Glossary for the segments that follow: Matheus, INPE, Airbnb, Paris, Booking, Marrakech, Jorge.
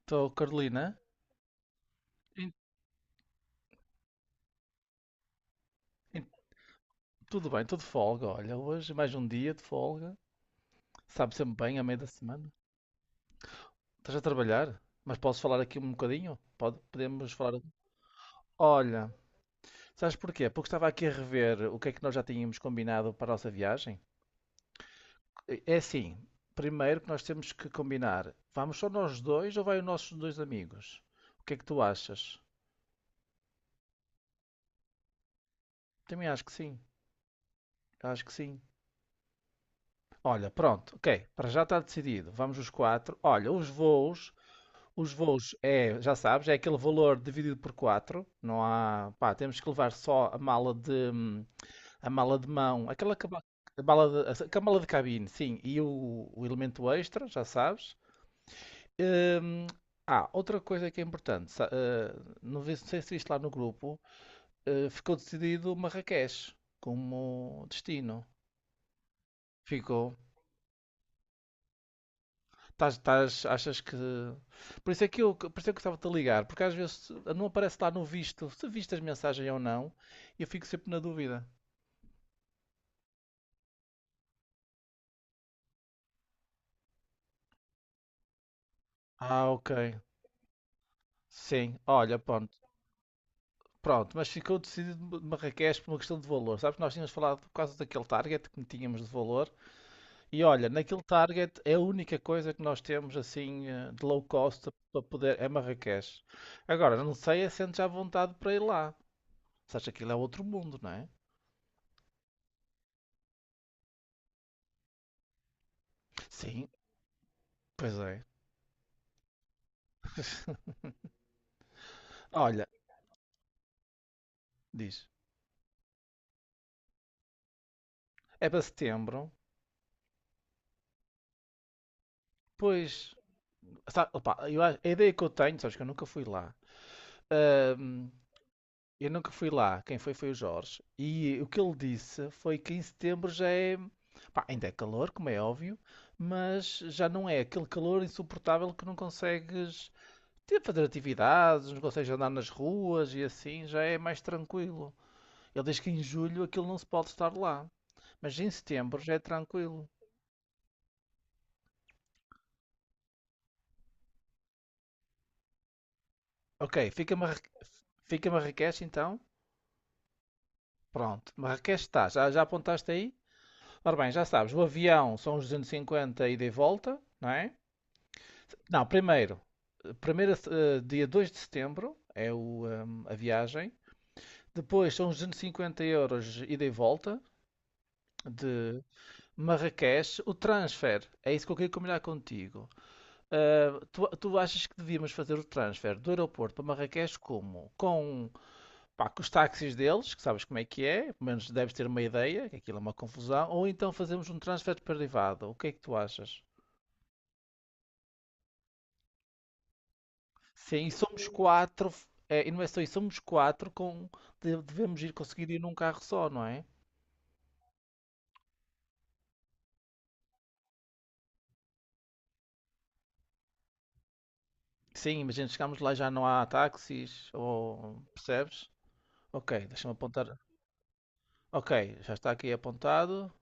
Estou, Carolina. Em- em- Tudo bem, estou de folga. Olha, hoje mais um dia de folga. Sabe sempre bem, a meio da semana. Estás a trabalhar? Mas posso falar aqui um bocadinho? Pode, podemos falar. Olha, sabes porquê? Porque estava aqui a rever o que é que nós já tínhamos combinado para a nossa viagem. É assim, primeiro que nós temos que combinar, vamos só nós dois ou vai os nossos dois amigos? O que é que tu achas? Também acho que sim, acho que sim. Olha, pronto, ok, para já está decidido, vamos os quatro. Olha, os voos é, já sabes, é aquele valor dividido por quatro. Não há, pá, temos que levar só a mala de mão, a mala de cabine, sim, e o elemento extra, já sabes. Hum, ah, outra coisa que é importante, não sei se viste lá no grupo, ficou decidido Marrakech como destino. Ficou. Achas que. Por isso é que eu estava-te a ligar, porque às vezes não aparece lá no visto se viste as mensagens ou não, e eu fico sempre na dúvida. Ah, ok. Sim, olha, pronto. Pronto, mas ficou decidido de Marrakech por uma questão de valor. Sabes, nós tínhamos falado por causa daquele target que tínhamos de valor. E olha, naquele target é a única coisa que nós temos assim, de low cost para poder. É Marrakech. Agora, não sei é se sentes à vontade para ir lá. Sabes, aquilo é outro mundo, não é? Sim, pois é. Olha, diz, é para setembro, pois, sabe, opa, a ideia que eu tenho, sabes que eu nunca fui lá. Ahm, eu nunca fui lá, quem foi foi o Jorge. E o que ele disse foi que em setembro já é, pá, ainda é calor, como é óbvio, mas já não é aquele calor insuportável que não consegues ter, fazer atividades, não consegues andar nas ruas e assim, já é mais tranquilo. Ele diz que em julho aquilo não se pode estar lá, mas em setembro já é tranquilo. Ok, fica-me a Marrakech então? Pronto, Marrakech está, já apontaste aí? Ora bem, já sabes, o avião são os 250 ida e volta, não é? Não, dia 2 de setembro é o, a viagem, depois são os 250 € ida e volta de Marrakech, o transfer, é isso que eu queria combinar contigo. Ah, tu achas que devíamos fazer o transfer do aeroporto para Marrakech como? Com. Pá, com os táxis deles, que sabes como é que é, pelo menos deves ter uma ideia, que aquilo é uma confusão, ou então fazemos um transfer privado. O que é que tu achas? Sim, e somos quatro, é, e não é só isso, somos quatro com. Devemos ir conseguir ir num carro só, não é? Sim, imagina, chegamos lá e já não há táxis, ou percebes? Ok, deixa-me apontar. Ok, já está aqui apontado.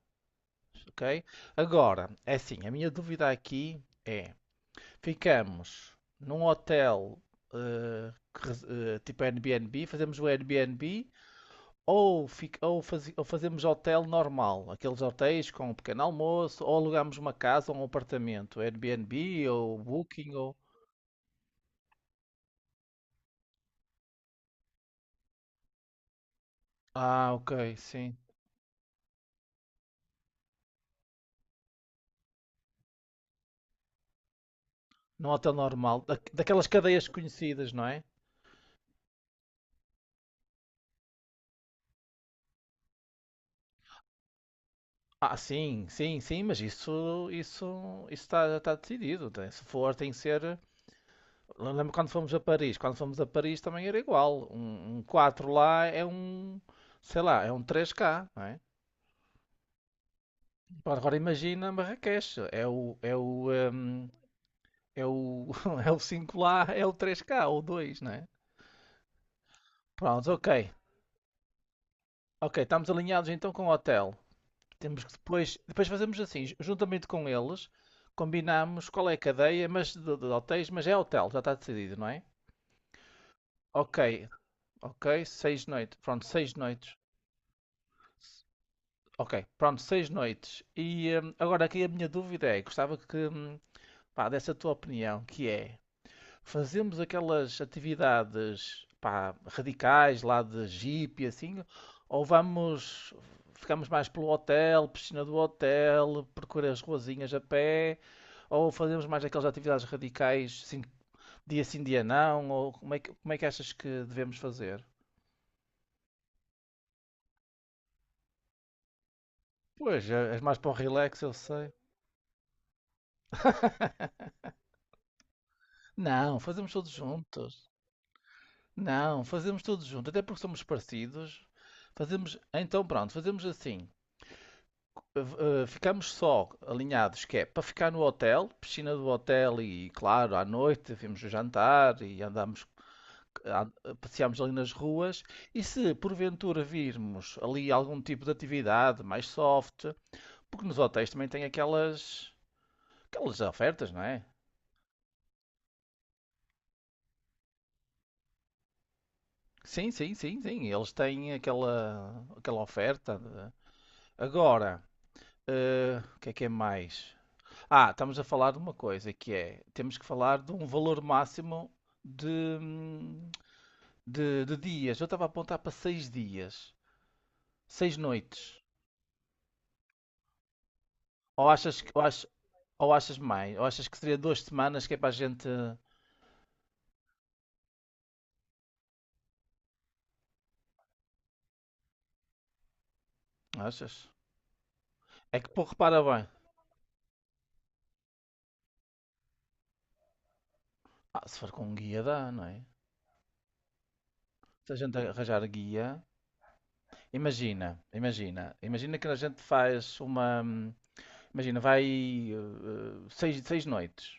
Ok. Agora, é assim, a minha dúvida aqui é, ficamos num hotel, tipo Airbnb, fazemos o Airbnb ou, fic- ou fazi- ou fazemos hotel normal, aqueles hotéis com um pequeno almoço, ou alugamos uma casa ou um apartamento, Airbnb ou Booking ou. Ah, ok, sim. Num hotel normal, daquelas cadeias conhecidas, não é? Ah, sim, sim, sim, mas isso está, está decidido. Se for, tem que ser. Lembro quando fomos a Paris. Quando fomos a Paris também era igual. Um 4 lá é um, sei lá, é um três k, não é? Pá, agora imagina Marrakech. É o, É o 5 lá, é o três k ou 2, não é? Pronto, ok. Ok, estamos alinhados então com o hotel. Temos que depois fazemos assim, juntamente com eles, combinamos qual é a cadeia, mas de hotéis, mas é hotel, já está decidido, não é? Ok, ok, seis noites. Pronto, seis noites. Ok, pronto, seis noites. E agora aqui a minha dúvida é, gostava que, pá, desse a tua opinião, que é, fazemos aquelas atividades, pá, radicais lá de jeep e assim, ou vamos, ficamos mais pelo hotel, piscina do hotel, percorrer as ruazinhas a pé, ou fazemos mais aquelas atividades radicais, assim, dia sim, dia não, ou como é que achas que devemos fazer? Pois, és mais para o relax, eu sei. Não, fazemos todos juntos. Não, fazemos tudo junto, até porque somos parecidos. Fazemos, então pronto, fazemos assim. Eh, ficamos só alinhados, que é para ficar no hotel, piscina do hotel e, claro, à noite vimos o jantar e an- passeamos ali nas ruas. E se porventura virmos ali algum tipo de atividade mais soft, porque nos hotéis também tem aquelas ofertas, não é? Sim, sim, sim, sim, eles têm aquela oferta. Agora. O que é mais? Ah, estamos a falar de uma coisa que é, temos que falar de um valor máximo de, hum, de dias. Eu estava a apontar para 6 dias, 6 noites. Ou achas, que- ou achas, ou achas mais? Ou achas que seria 2 semanas que é para a gente. Achas? É que, pô, repara bem. Ah, se for com um guia dá, não é? Se a gente arranjar guia. Imagina, imagina, imagina que a gente faz uma. Imagina, vai, seis noites.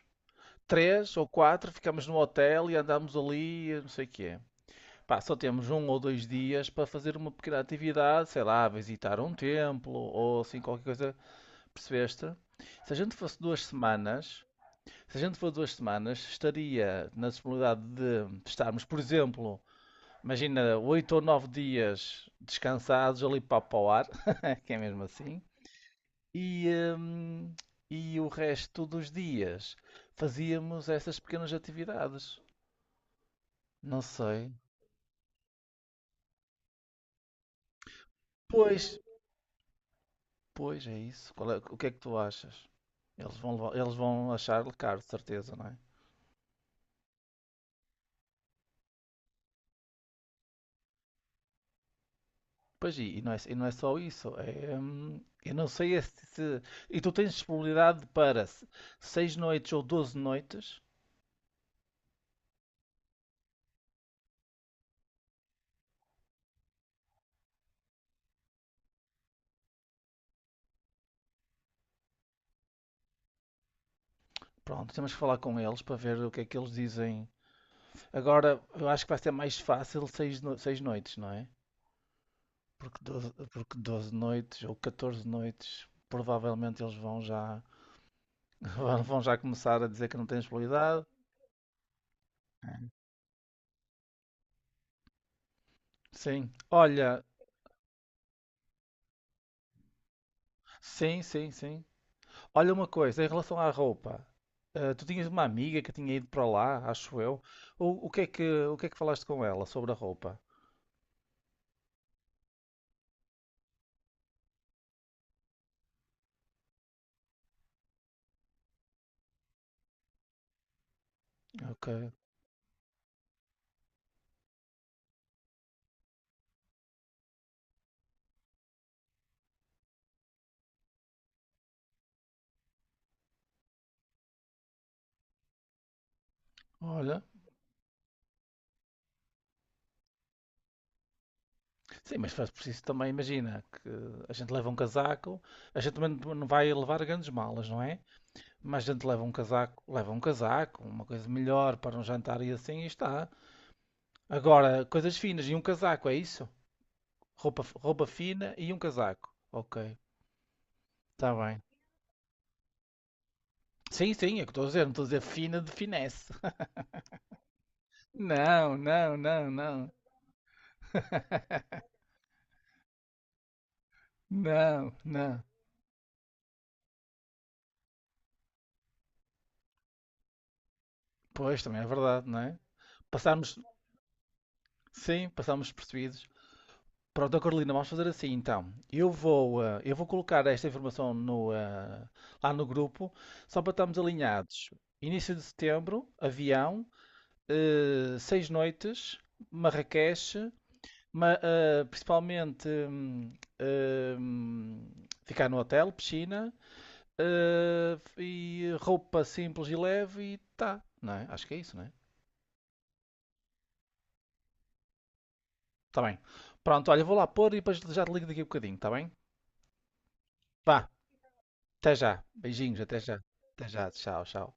Três ou quatro, ficamos no hotel e andamos ali, não sei o que é. Pá, só temos um ou dois dias para fazer uma pequena atividade, sei lá, visitar um templo ou assim qualquer coisa, percebeste? Se a gente fosse duas semanas, se a gente for duas semanas, estaria na disponibilidade de estarmos, por exemplo, imagina, 8 ou 9 dias descansados ali para o ar, que é mesmo assim, e, hum, e o resto dos dias fazíamos essas pequenas atividades. Não sei. Pois, pois é isso. O que é que tu achas? Eles vão achar-lhe caro, de certeza, não é? Pois e não é só isso. É, eu não sei é. E tu tens disponibilidade para 6 noites ou 12 noites. Pronto, temos que falar com eles para ver o que é que eles dizem. Agora, eu acho que vai ser mais fácil 6 noites, não é? Porque 12 porque 12 noites ou 14 noites, provavelmente eles vão já, vão já começar a dizer que não têm disponibilidade. Sim. Olha, sim, sim, sim. Olha uma coisa, em relação à roupa, tu tinhas uma amiga que tinha ido para lá, acho eu. O que é que, o que é que falaste com ela sobre a roupa? Ok. Olha, sim, mas faz preciso também, imagina, que a gente leva um casaco, a gente também não vai levar grandes malas, não é? Mas a gente leva um casaco, uma coisa melhor para um jantar e assim e está. Agora, coisas finas e um casaco, é isso? Roupa fina e um casaco. Ok, está bem. Sim, sim, é o que estou a dizer, não estou a dizer fina de finesse. Não, não, não, não, não, não. Pois, também é verdade, não é? Passámos, sim, passámos percebidos. Pronto, ó Carolina, vamos fazer assim então. Eu vou colocar esta informação lá no grupo, só para estarmos alinhados. Início de setembro, avião, 6 noites, Marrakech, principalmente, hum, ficar no hotel, piscina, e roupa simples e leve e tá, não é? Acho que é isso, não é? Tá bem. Pronto, olha, vou lá pôr e depois já te ligo daqui a bocadinho, tá bem? Vá, até já. Beijinhos, até já. Até já, tchau, tchau.